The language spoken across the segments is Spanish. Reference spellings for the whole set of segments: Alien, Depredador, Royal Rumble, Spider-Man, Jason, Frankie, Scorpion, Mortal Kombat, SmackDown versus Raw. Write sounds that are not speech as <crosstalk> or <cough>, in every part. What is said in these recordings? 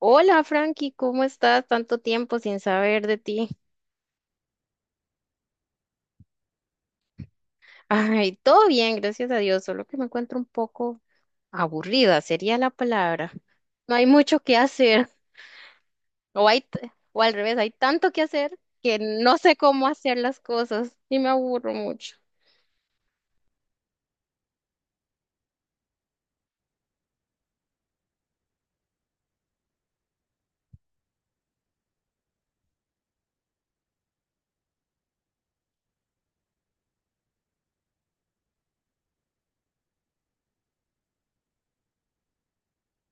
Hola Frankie, ¿cómo estás? Tanto tiempo sin saber de ti. <laughs> Ay, todo bien, gracias a Dios, solo que me encuentro un poco aburrida, sería la palabra. No hay mucho que hacer. <laughs> O hay, o al revés, hay tanto que hacer que no sé cómo hacer las cosas y me aburro mucho.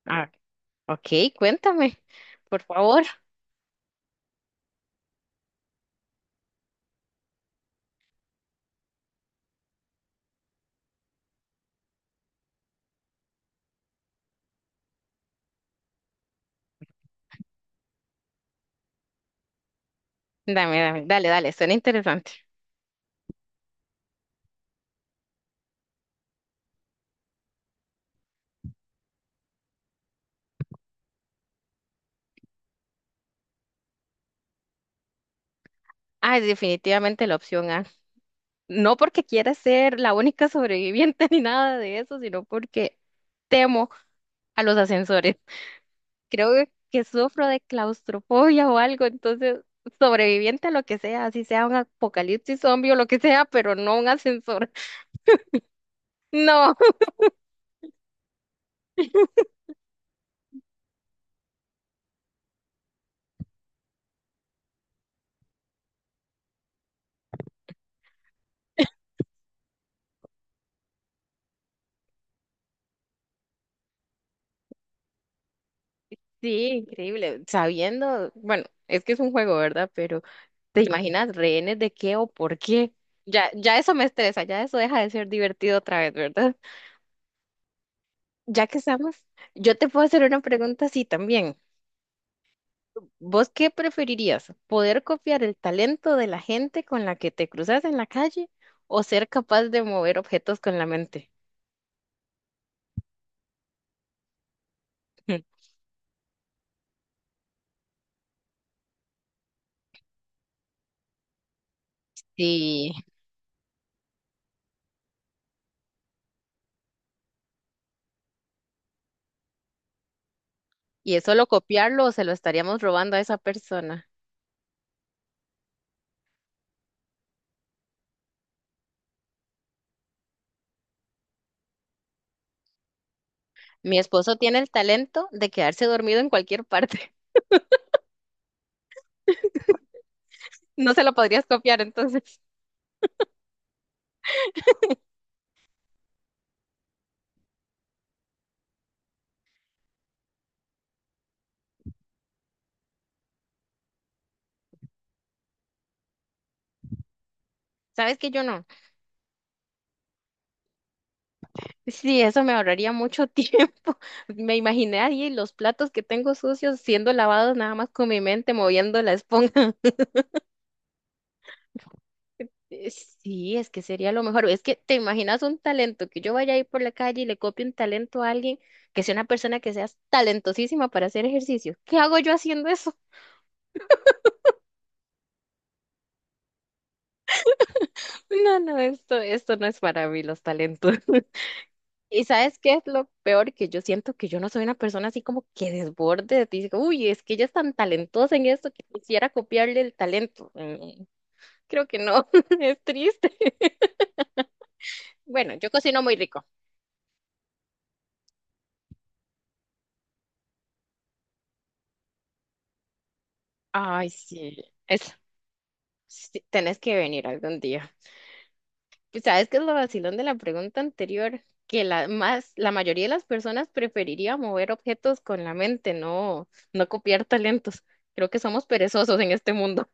Ah, ok, cuéntame, por favor. Dame, dame, dale, dale, suena interesante. Ay, definitivamente la opción A. No porque quiera ser la única sobreviviente <laughs> ni nada de eso, sino porque temo a los ascensores. Creo que sufro de claustrofobia o algo, entonces sobreviviente a lo que sea, así sea un apocalipsis zombie o lo que sea, pero no un ascensor. <laughs> No, sí, increíble. Sabiendo, bueno, es que es un juego, ¿verdad? Pero ¿te imaginas rehenes de qué o por qué? Ya, ya eso me estresa, ya eso deja de ser divertido otra vez, ¿verdad? Ya que estamos, yo te puedo hacer una pregunta así también. ¿Vos qué preferirías? ¿Poder copiar el talento de la gente con la que te cruzas en la calle o ser capaz de mover objetos con la mente? <laughs> Sí, y es solo copiarlo o se lo estaríamos robando a esa persona. Mi esposo tiene el talento de quedarse dormido en cualquier parte. <laughs> No se lo podrías copiar, entonces. ¿Sabes que yo no? Sí, eso me ahorraría mucho tiempo. <laughs> Me imaginé ahí los platos que tengo sucios siendo lavados nada más con mi mente moviendo la esponja. Sí, es que sería lo mejor. Es que te imaginas un talento, que yo vaya ahí por la calle y le copie un talento a alguien, que sea una persona que sea talentosísima para hacer ejercicio. ¿Qué hago yo haciendo eso? <laughs> No, no, esto no es para mí, los talentos. <laughs> ¿Y sabes qué es lo peor? Que yo siento que yo no soy una persona así como que desborde, dice, uy, es que ella es tan talentosa en esto que quisiera copiarle el talento. Creo que no, <laughs> es triste. <laughs> Bueno, yo cocino muy rico. Ay, sí, eso. Sí, tenés que venir algún día. Pues, ¿sabes qué es lo vacilón de la pregunta anterior? Que la mayoría de las personas preferiría mover objetos con la mente, no, no copiar talentos. Creo que somos perezosos en este mundo.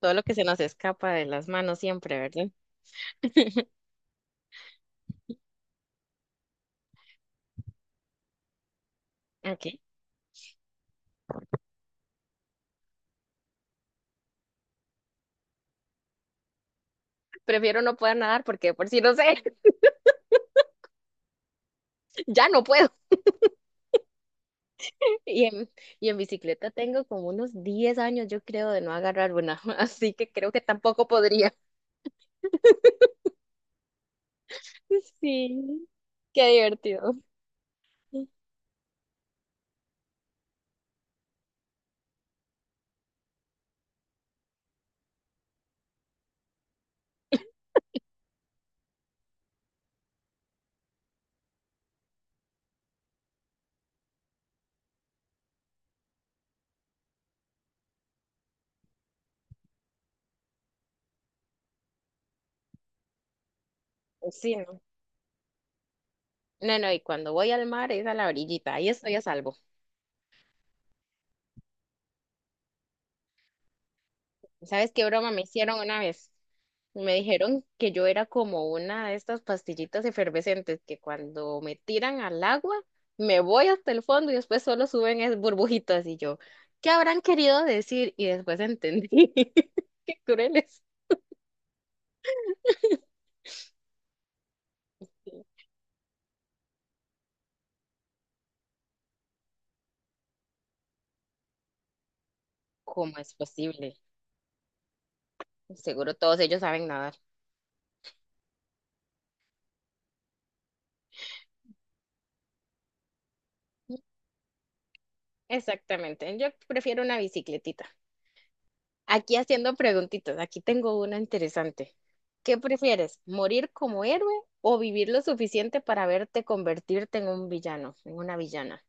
Todo lo que se nos escapa de las manos siempre, ¿verdad? Ok. Prefiero no poder nadar porque de por si no sé, <laughs> ya no puedo. Y en, y en bicicleta tengo como unos 10 años, yo creo, de no agarrar una. <laughs> Así que creo que tampoco podría. <laughs> Sí, qué divertido. Sí, no, no, y cuando voy al mar es a la orillita, ahí estoy a salvo. ¿Sabes qué broma me hicieron una vez? Me dijeron que yo era como una de estas pastillitas efervescentes que cuando me tiran al agua, me voy hasta el fondo y después solo suben es burbujitas y yo, ¿qué habrán querido decir? Y después entendí. <laughs> Qué crueles. ¿Cómo es posible? Seguro todos ellos saben nadar. Exactamente. Yo prefiero una bicicletita. Aquí haciendo preguntitas, aquí tengo una interesante. ¿Qué prefieres, morir como héroe o vivir lo suficiente para verte convertirte en un villano, en una villana?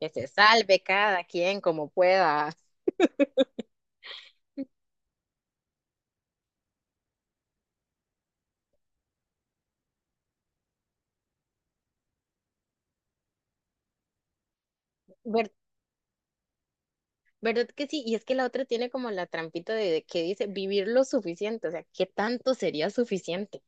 Que se salve cada quien como pueda. Ver- ¿Verdad que sí? Y es que la otra tiene como la trampita de que dice vivir lo suficiente, o sea, ¿qué tanto sería suficiente?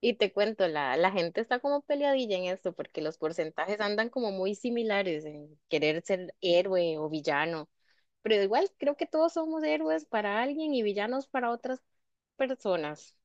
Y te cuento, la gente está como peleadilla en esto porque los porcentajes andan como muy similares en querer ser héroe o villano. Pero igual creo que todos somos héroes para alguien y villanos para otras personas.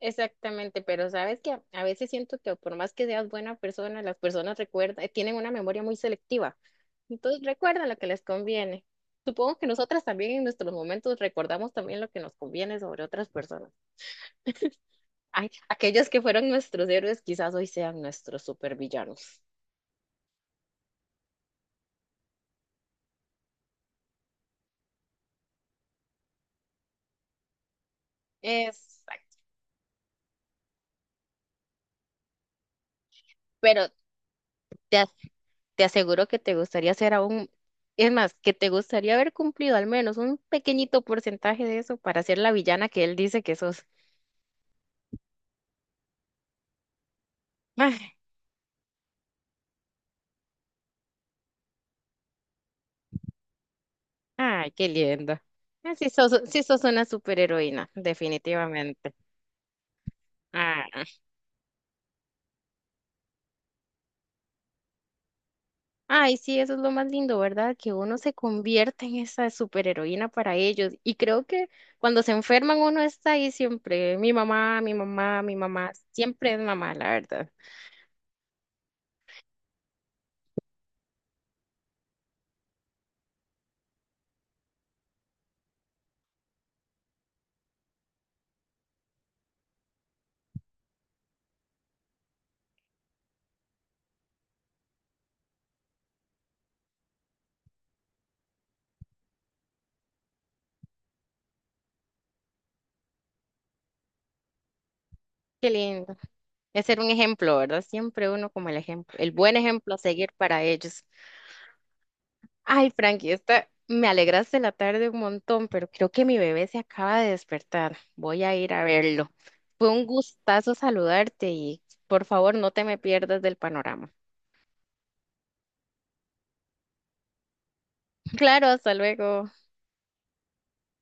Exactamente, pero sabes que a veces siento que por más que seas buena persona, las personas recuerdan, tienen una memoria muy selectiva. Entonces recuerdan lo que les conviene. Supongo que nosotras también en nuestros momentos recordamos también lo que nos conviene sobre otras personas. Ay, aquellos que fueron nuestros héroes quizás hoy sean nuestros supervillanos. Exacto. Pero te Te aseguro que te gustaría ser aún, es más, que te gustaría haber cumplido al menos un pequeñito porcentaje de eso para ser la villana que él dice que sos. <laughs> Ay, ay, qué lindo. Sí sos una superheroína, definitivamente. Ah, ay, sí, eso es lo más lindo, ¿verdad? Que uno se convierte en esa superheroína para ellos. Y creo que cuando se enferman uno está ahí siempre, mi mamá, mi mamá, mi mamá, siempre es mamá, la verdad. Qué lindo. Es ser un ejemplo, ¿verdad? Siempre uno como el ejemplo, el buen ejemplo a seguir para ellos. Ay, Frankie, esta, me alegraste la tarde un montón, pero creo que mi bebé se acaba de despertar. Voy a ir a verlo. Fue un gustazo saludarte y por favor no te me pierdas del panorama. <laughs> Claro, hasta luego.